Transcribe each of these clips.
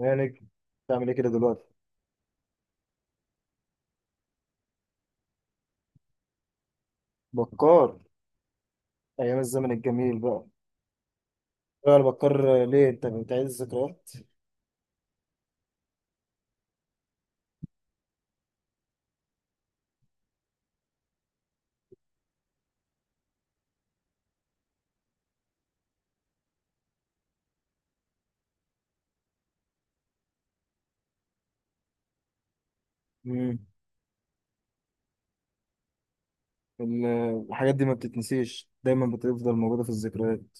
يا نجم، بتعمل ايه كده دلوقتي؟ بكار، ايام الزمن الجميل بقى. ايوه انا بكار، ليه انت بتعيد الذكريات؟ امم ال- الحاجات دي ما بتتنسيش، دايما بتفضل موجوده في الذكريات.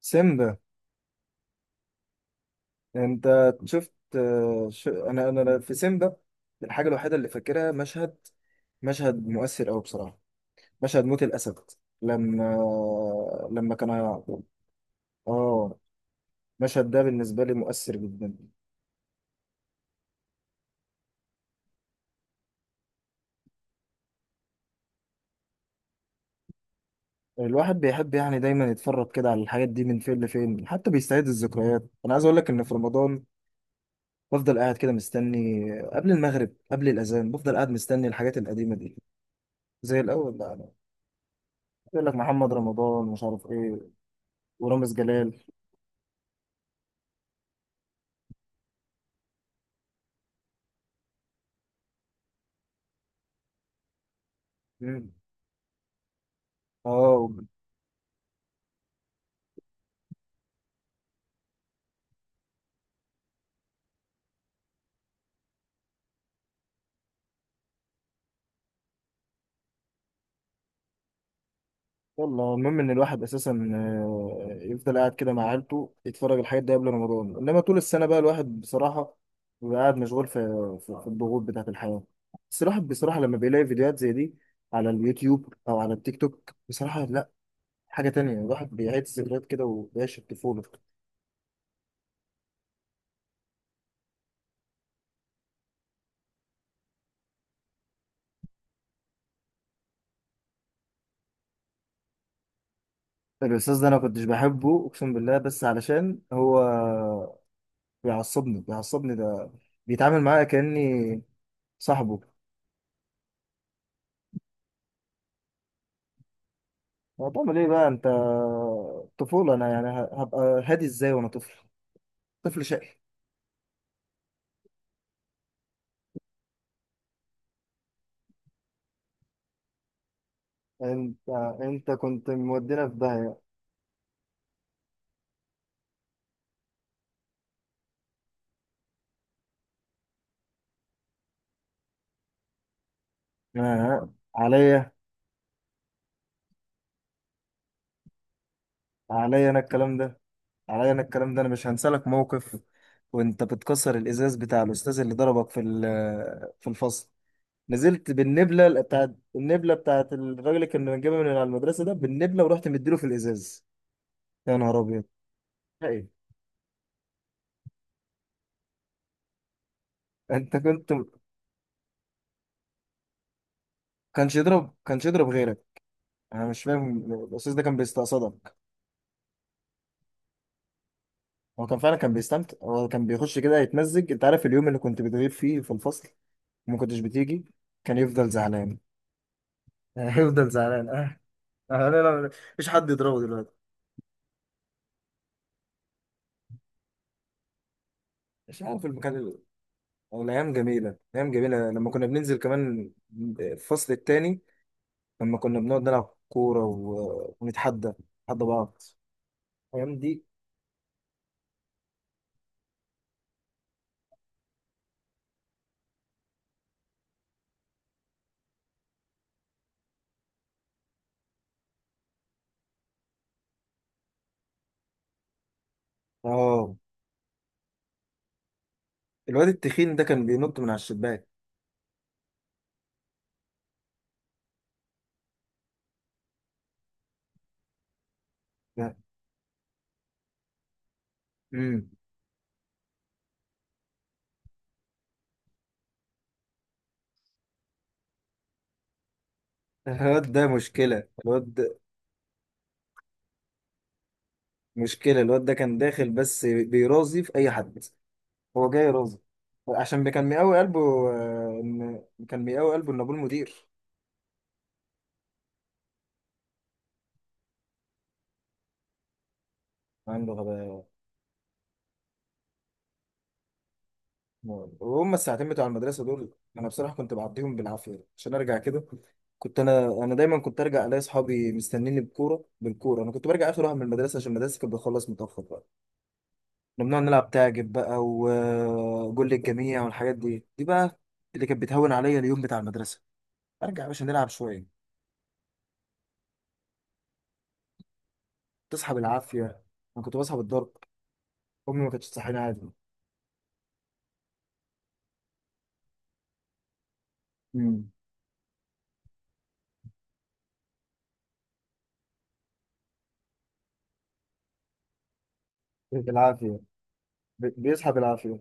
سيمبا؟ انت شفت، آه، ش... انا انا أنا في سيمبا، الحاجه الوحيده اللي فاكرها مشهد مشهد مؤثر قوي بصراحه، مشهد موت الاسد. لما لما كان هيعض. اه، المشهد ده بالنسبه لي مؤثر جدا. الواحد بيحب يعني دايما يتفرج كده على الحاجات دي من فين لفين، حتى بيستعيد الذكريات. انا عايز اقول لك ان في رمضان بفضل قاعد كده مستني قبل المغرب، قبل الاذان، بفضل قاعد مستني الحاجات القديمه دي. زي الاول بقى، أنا يقول لك محمد رمضان مش عارف ايه ورامز جلال. مم. اه، والله المهم ان الواحد اساسا يفضل قاعد كده مع عيلته يتفرج على الحاجات دي قبل رمضان، انما طول السنه بقى الواحد بصراحه بيبقى قاعد مشغول في الضغوط بتاعه الحياه. بس الواحد بصراحه لما بيلاقي فيديوهات زي دي على اليوتيوب او على التيك توك، بصراحه لا، حاجه تانية، الواحد بيعيد الذكريات كده وبيعيش الطفوله. الاستاذ ده انا كنتش بحبه، اقسم بالله، بس علشان هو بيعصبني، ده بيتعامل معايا كاني صاحبه. هتعمل ايه بقى انت؟ طفولة انا يعني، هبقى هادي ازاي وانا طفل؟ طفل شقي. انت انت كنت مودينا في داهية. آه. عليا انا الكلام ده عليا انا الكلام ده، انا مش هنسى لك موقف، وانت بتكسر الازاز بتاع الاستاذ اللي ضربك في الفصل، نزلت بالنبله، بتاعت الراجل اللي كنا بنجيبها من على المدرسه، ده بالنبله، ورحت مديله في الازاز. يا نهار ابيض! ايه؟ انت كنت كانش يضرب غيرك. انا مش فاهم الاستاذ ده كان بيستقصدك. هو كان فعلا كان بيستمتع، هو كان بيخش كده يتمزج. انت عارف اليوم اللي كنت بتغيب فيه في الفصل وما كنتش بتيجي، كان يفضل زعلان. هيفضل زعلان، اه. لا لا لا، مفيش حد يضربه دلوقتي. مش عارف المكان او الايام جميله، ايام جميله لما كنا بننزل كمان الفصل التاني، لما كنا بنقعد نلعب كوره ونتحدى، نتحدى بعض، الايام دي. اه، الواد التخين ده كان بينط من على الشباك، ده. امم الواد ده مشكله الواد مشكلة الواد ده، كان داخل بس بيراضي في أي حد، هو جاي راضي عشان كان مقاوي قلبه. إن كان مقاوي قلبه إن أبوه المدير، عنده غباء. وهم الساعتين بتوع المدرسة دول أنا بصراحة كنت بعديهم بالعافية عشان أرجع كده. كنت أنا دايما كنت أرجع ألاقي أصحابي مستنيني بكورة، بالكورة، أنا كنت برجع آخر واحد من المدرسة عشان المدرسة كانت بتخلص متأخر بقى. كنا بنقعد نلعب تعجب بقى وجول الجميع والحاجات دي بقى، اللي كانت بتهون عليا اليوم بتاع المدرسة. أرجع يا باشا نلعب شوية. تصحى بالعافيه، انا كنت بصحى بالضرب، امي ما كانتش تصحيني عادي. امم بالعافيه، بيصحى بالعافيه.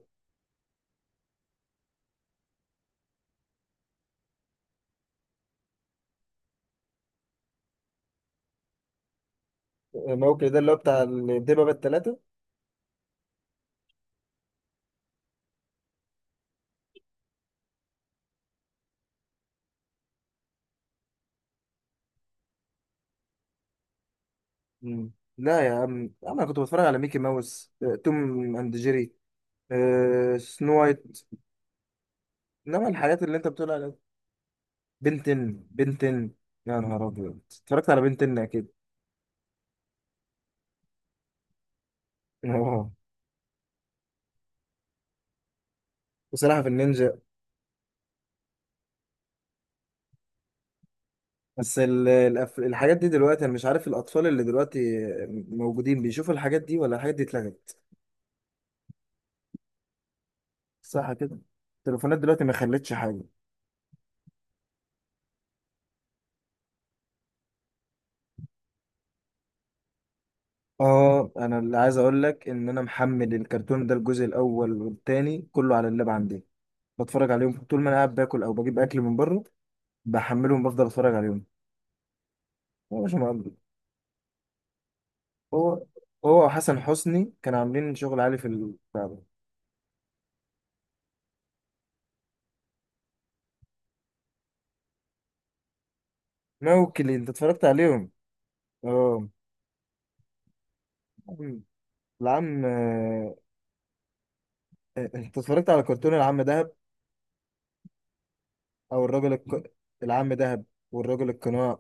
موكل ده اللي هو بتاع الدببه بالثلاثه؟ امم لا يا عم، انا كنت بتفرج على ميكي ماوس، توم اند جيري، سنو وايت. انما الحاجات اللي انت بتقول عليها، بنتن، يا نهار ابيض! اتفرجت على بنتن اكيد. اه، بصراحه في النينجا. بس الحاجات دي دلوقتي انا مش عارف الاطفال اللي دلوقتي موجودين بيشوفوا الحاجات دي ولا الحاجات دي اتلغت؟ صح كده. التليفونات دلوقتي ما خلتش حاجه. اه، انا اللي عايز اقول لك ان انا محمل الكرتون ده الجزء الاول والتاني كله على اللاب عندي، بتفرج عليهم طول ما انا قاعد باكل او بجيب اكل من بره، بحملهم بفضل اتفرج عليهم. هو مش مقبل. هو هو وحسن حسني كانوا عاملين شغل عالي في البتاع ده. موكلي انت اتفرجت عليهم؟ اه. العم، انت اتفرجت على كرتون العم دهب، او العم دهب والراجل القناع؟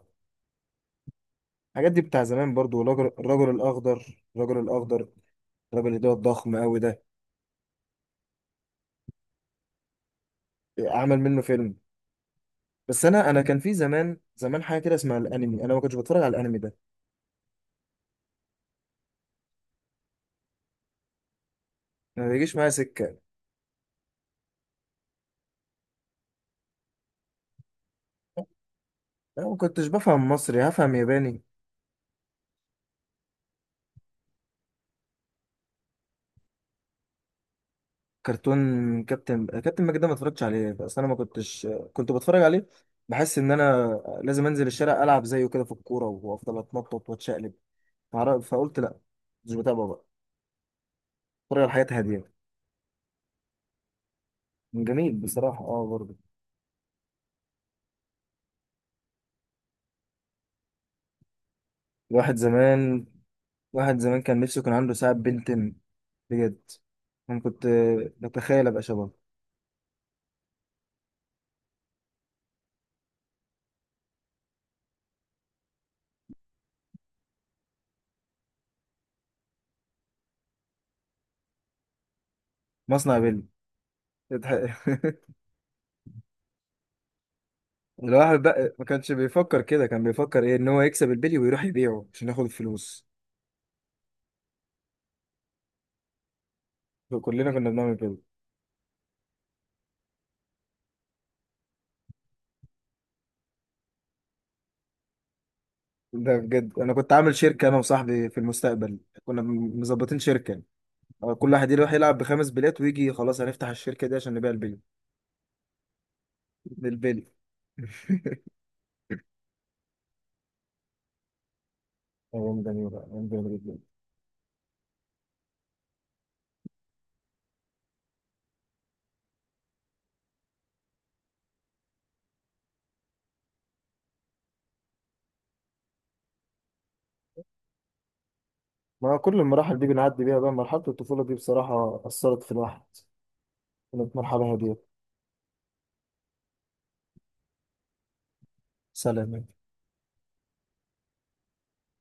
الحاجات دي بتاع زمان برضو. الرجل الاخضر، الراجل اللي هو الضخم قوي ده، عمل منه فيلم. بس انا كان في زمان، حاجه كده اسمها الانمي، انا ما كنتش بتفرج على الانمي ده، ما بيجيش معايا سكه. انا ما كنتش بفهم مصري، هفهم ياباني؟ كرتون كابتن ماجد ده ما اتفرجتش عليه. بس انا ما كنتش كنت بتفرج عليه، بحس ان انا لازم انزل الشارع العب زيه كده في الكوره وافضل اتنطط واتشقلب. فقلت لا، مش بتابعه بقى، اتفرج على حياة هاديه. جميل بصراحه، اه برضه. الواحد زمان واحد زمان كان نفسه كان عنده ساعة بنتن، بجد، انا كنت بتخيل ابقى شبهه. مصنع بيلي! الواحد بقى ما كانش بيفكر كده، كان بيفكر ايه؟ ان هو يكسب البلي ويروح يبيعه عشان ياخد الفلوس. كلنا كنا بنعمل كده. ده بجد انا كنت عامل شركة انا وصاحبي في المستقبل، كنا مظبطين شركة، كل واحد يروح يلعب بخمس بليات ويجي، خلاص هنفتح الشركة دي عشان نبيع البلي، البلي أيام جميلة، أيام جميلة جدا. ما كل المراحل دي بنعدي بيها بقى، مرحلة الطفولة دي بصراحة أثرت في الواحد، كانت مرحلة هادية. سلام.